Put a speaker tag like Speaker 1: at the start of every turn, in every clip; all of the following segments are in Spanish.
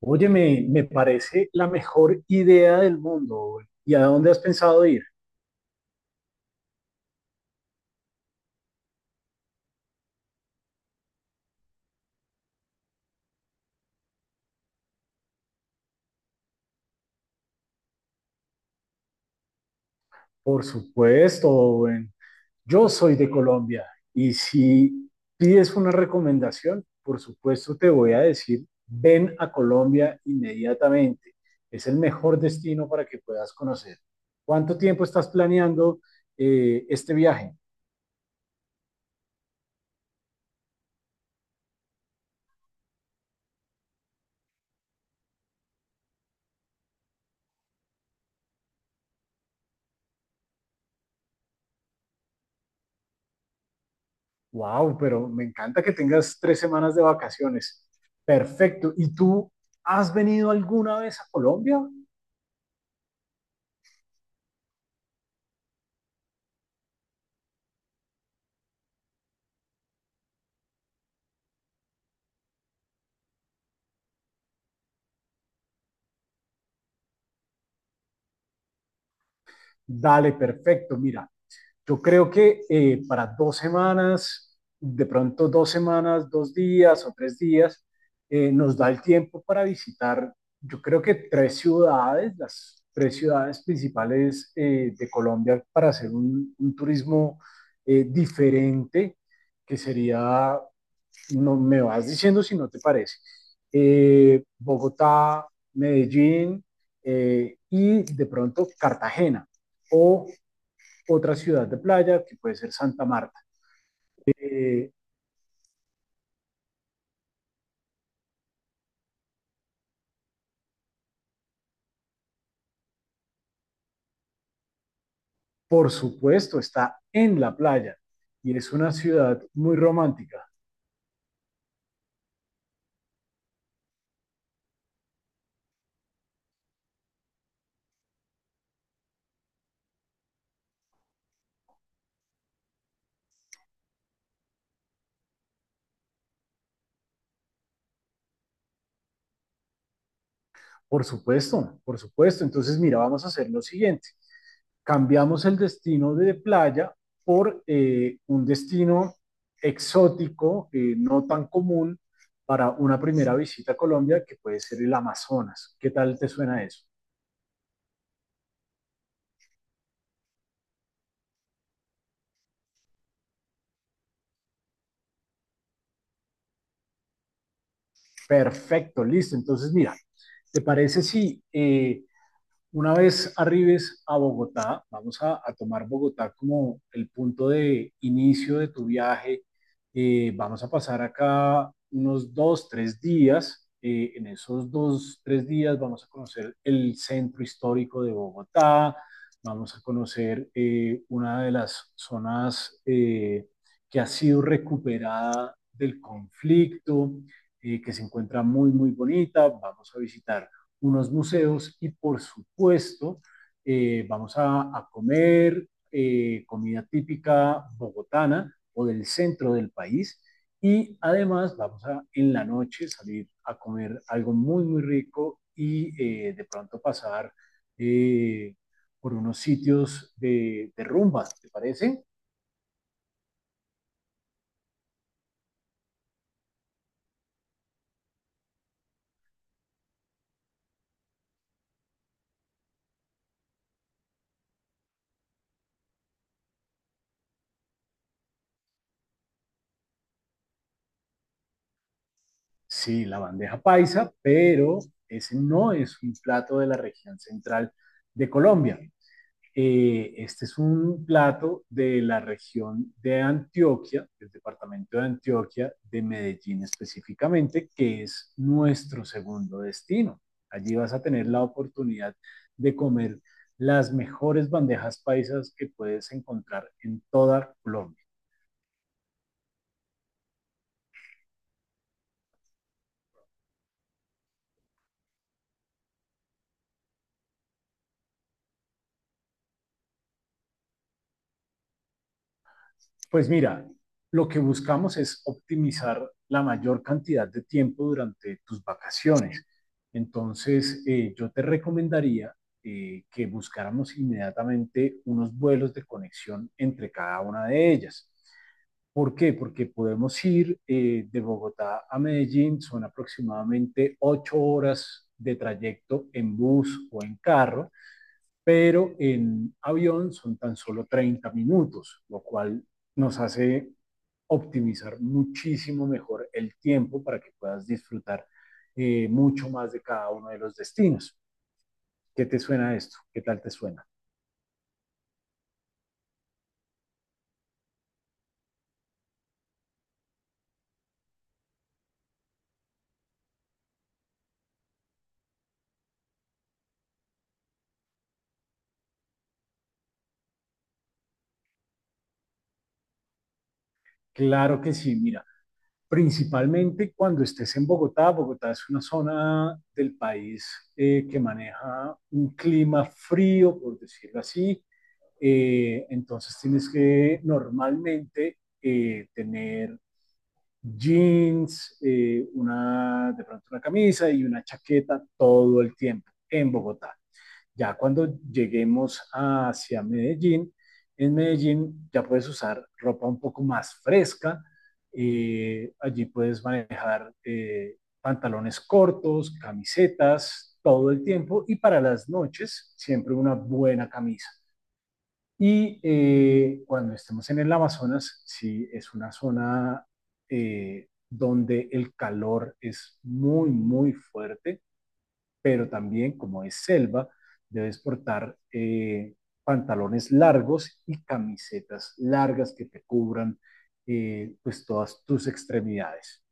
Speaker 1: Oye, me parece la mejor idea del mundo, Owen. ¿Y a dónde has pensado ir? Por supuesto, Owen. Yo soy de Colombia y si pides una recomendación, por supuesto te voy a decir, ven a Colombia inmediatamente. Es el mejor destino para que puedas conocer. ¿Cuánto tiempo estás planeando este viaje? Wow, pero me encanta que tengas 3 semanas de vacaciones. Perfecto. ¿Y tú has venido alguna vez a Colombia? Dale, perfecto. Mira, yo creo que para 2 semanas, de pronto 2 semanas, 2 días o 3 días, nos da el tiempo para visitar, yo creo que tres ciudades, las tres ciudades principales de Colombia para hacer un turismo diferente, que sería, no me vas diciendo si no te parece, Bogotá, Medellín, y de pronto Cartagena o otra ciudad de playa, que puede ser Santa Marta. Eh, por supuesto, está en la playa y es una ciudad muy romántica. Por supuesto, por supuesto. Entonces, mira, vamos a hacer lo siguiente. Cambiamos el destino de playa por un destino exótico, no tan común para una primera visita a Colombia, que puede ser el Amazonas. ¿Qué tal te suena eso? Perfecto, listo. Entonces, mira, ¿te parece si una vez arribes a Bogotá, vamos a tomar Bogotá como el punto de inicio de tu viaje. Vamos a pasar acá unos 2, 3 días. En esos 2, 3 días vamos a conocer el centro histórico de Bogotá, vamos a conocer una de las zonas que ha sido recuperada del conflicto, que se encuentra muy, muy bonita. Vamos a visitar unos museos y por supuesto vamos a comer comida típica bogotana o del centro del país, y además vamos a en la noche salir a comer algo muy muy rico y de pronto pasar eh, por unos sitios de rumba, ¿te parece? Sí, la bandeja paisa, pero ese no es un plato de la región central de Colombia. Este es un plato de la región de Antioquia, del departamento de Antioquia, de Medellín específicamente, que es nuestro segundo destino. Allí vas a tener la oportunidad de comer las mejores bandejas paisas que puedes encontrar en toda Colombia. Pues mira, lo que buscamos es optimizar la mayor cantidad de tiempo durante tus vacaciones. Entonces, yo te recomendaría que buscáramos inmediatamente unos vuelos de conexión entre cada una de ellas. ¿Por qué? Porque podemos ir de Bogotá a Medellín, son aproximadamente 8 horas de trayecto en bus o en carro, pero en avión son tan solo 30 minutos, lo cual nos hace optimizar muchísimo mejor el tiempo para que puedas disfrutar mucho más de cada uno de los destinos. ¿Qué te suena esto? ¿Qué tal te suena? Claro que sí, mira, principalmente cuando estés en Bogotá. Bogotá es una zona del país que maneja un clima frío, por decirlo así. Entonces tienes que normalmente tener jeans, de pronto una camisa y una chaqueta todo el tiempo en Bogotá. Ya cuando lleguemos hacia Medellín, en Medellín ya puedes usar ropa un poco más fresca. Allí puedes manejar pantalones cortos, camisetas todo el tiempo y para las noches siempre una buena camisa. Y cuando estemos en el Amazonas, sí es una zona donde el calor es muy, muy fuerte, pero también como es selva, debes portar pantalones largos y camisetas largas que te cubran pues todas tus extremidades.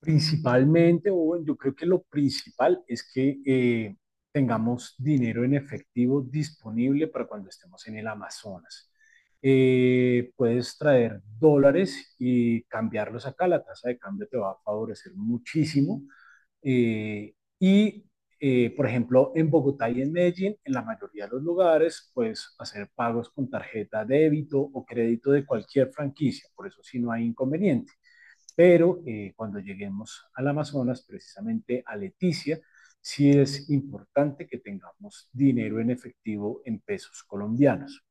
Speaker 1: Principalmente, Owen, yo creo que lo principal es que tengamos dinero en efectivo disponible para cuando estemos en el Amazonas. Puedes traer dólares y cambiarlos acá, la tasa de cambio te va a favorecer muchísimo. Eh, y, por ejemplo, en Bogotá y en Medellín, en la mayoría de los lugares, puedes hacer pagos con tarjeta débito o crédito de cualquier franquicia, por eso sí no hay inconveniente, pero cuando lleguemos al Amazonas, precisamente a Leticia, sí es importante que tengamos dinero en efectivo en pesos colombianos.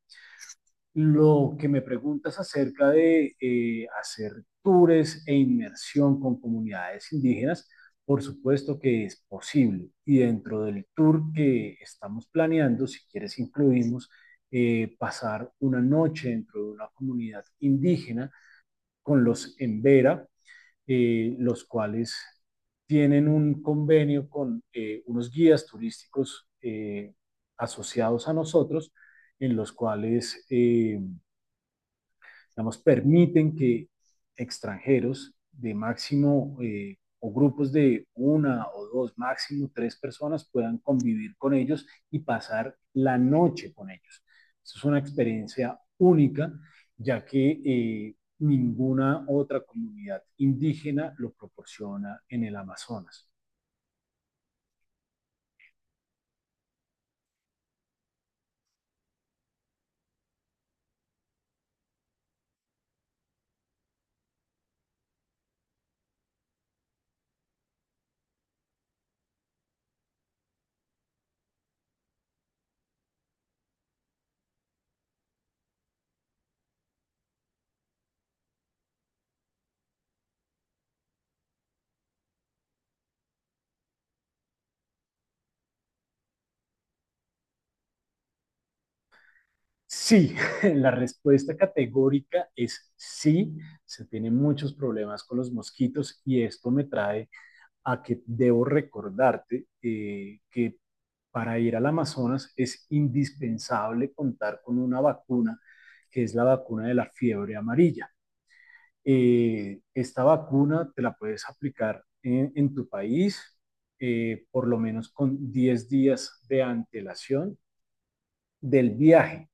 Speaker 1: Lo que me preguntas acerca de hacer tours e inmersión con comunidades indígenas, por supuesto que es posible. Y dentro del tour que estamos planeando, si quieres, incluimos pasar una noche dentro de una comunidad indígena con los Embera, los cuales tienen un convenio con unos guías turísticos asociados a nosotros, en los cuales digamos, permiten que extranjeros de máximo o grupos de una o dos, máximo tres personas puedan convivir con ellos y pasar la noche con ellos. Esto es una experiencia única, ya que ninguna otra comunidad indígena lo proporciona en el Amazonas. Sí, la respuesta categórica es sí. Se tienen muchos problemas con los mosquitos y esto me trae a que debo recordarte que para ir al Amazonas es indispensable contar con una vacuna, que es la vacuna de la fiebre amarilla. Esta vacuna te la puedes aplicar en tu país por lo menos con 10 días de antelación del viaje.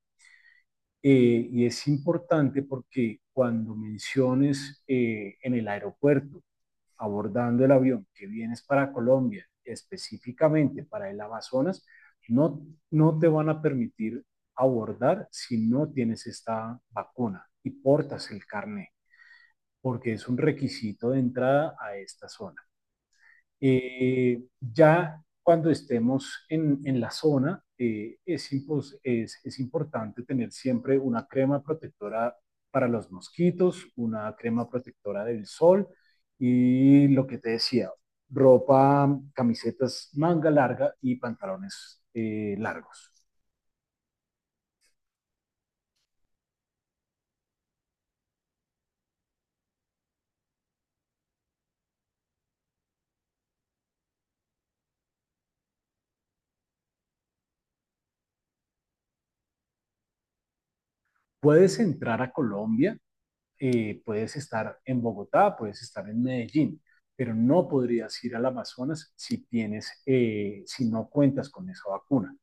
Speaker 1: Y es importante porque cuando menciones en el aeropuerto abordando el avión que vienes para Colombia, específicamente para el Amazonas, no, no te van a permitir abordar si no tienes esta vacuna y portas el carné, porque es un requisito de entrada a esta zona. Ya cuando estemos en la zona, es importante tener siempre una crema protectora para los mosquitos, una crema protectora del sol y lo que te decía, ropa, camisetas manga larga y pantalones largos. Puedes entrar a Colombia, puedes estar en Bogotá, puedes estar en Medellín, pero no podrías ir al Amazonas si tienes, si no cuentas con esa vacuna.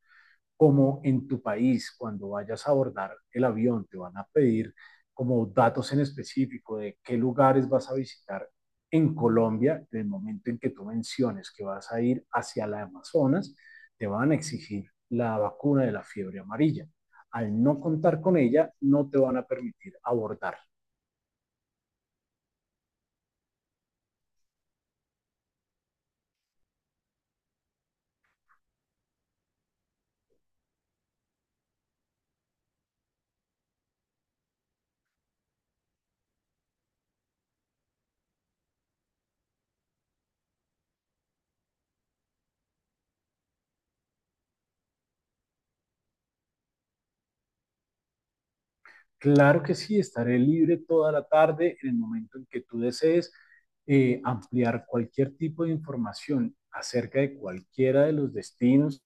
Speaker 1: Como en tu país, cuando vayas a abordar el avión, te van a pedir como datos en específico de qué lugares vas a visitar en Colombia, del momento en que tú menciones que vas a ir hacia la Amazonas, te van a exigir la vacuna de la fiebre amarilla. Al no contar con ella, no te van a permitir abordar. Claro que sí, estaré libre toda la tarde en el momento en que tú desees ampliar cualquier tipo de información acerca de cualquiera de los destinos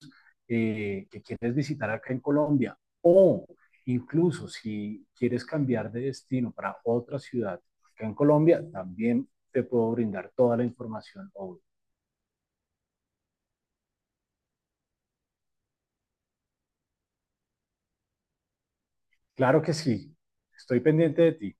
Speaker 1: que quieres visitar acá en Colombia, o incluso si quieres cambiar de destino para otra ciudad acá en Colombia, también te puedo brindar toda la información. Obvio. Claro que sí, estoy pendiente de ti.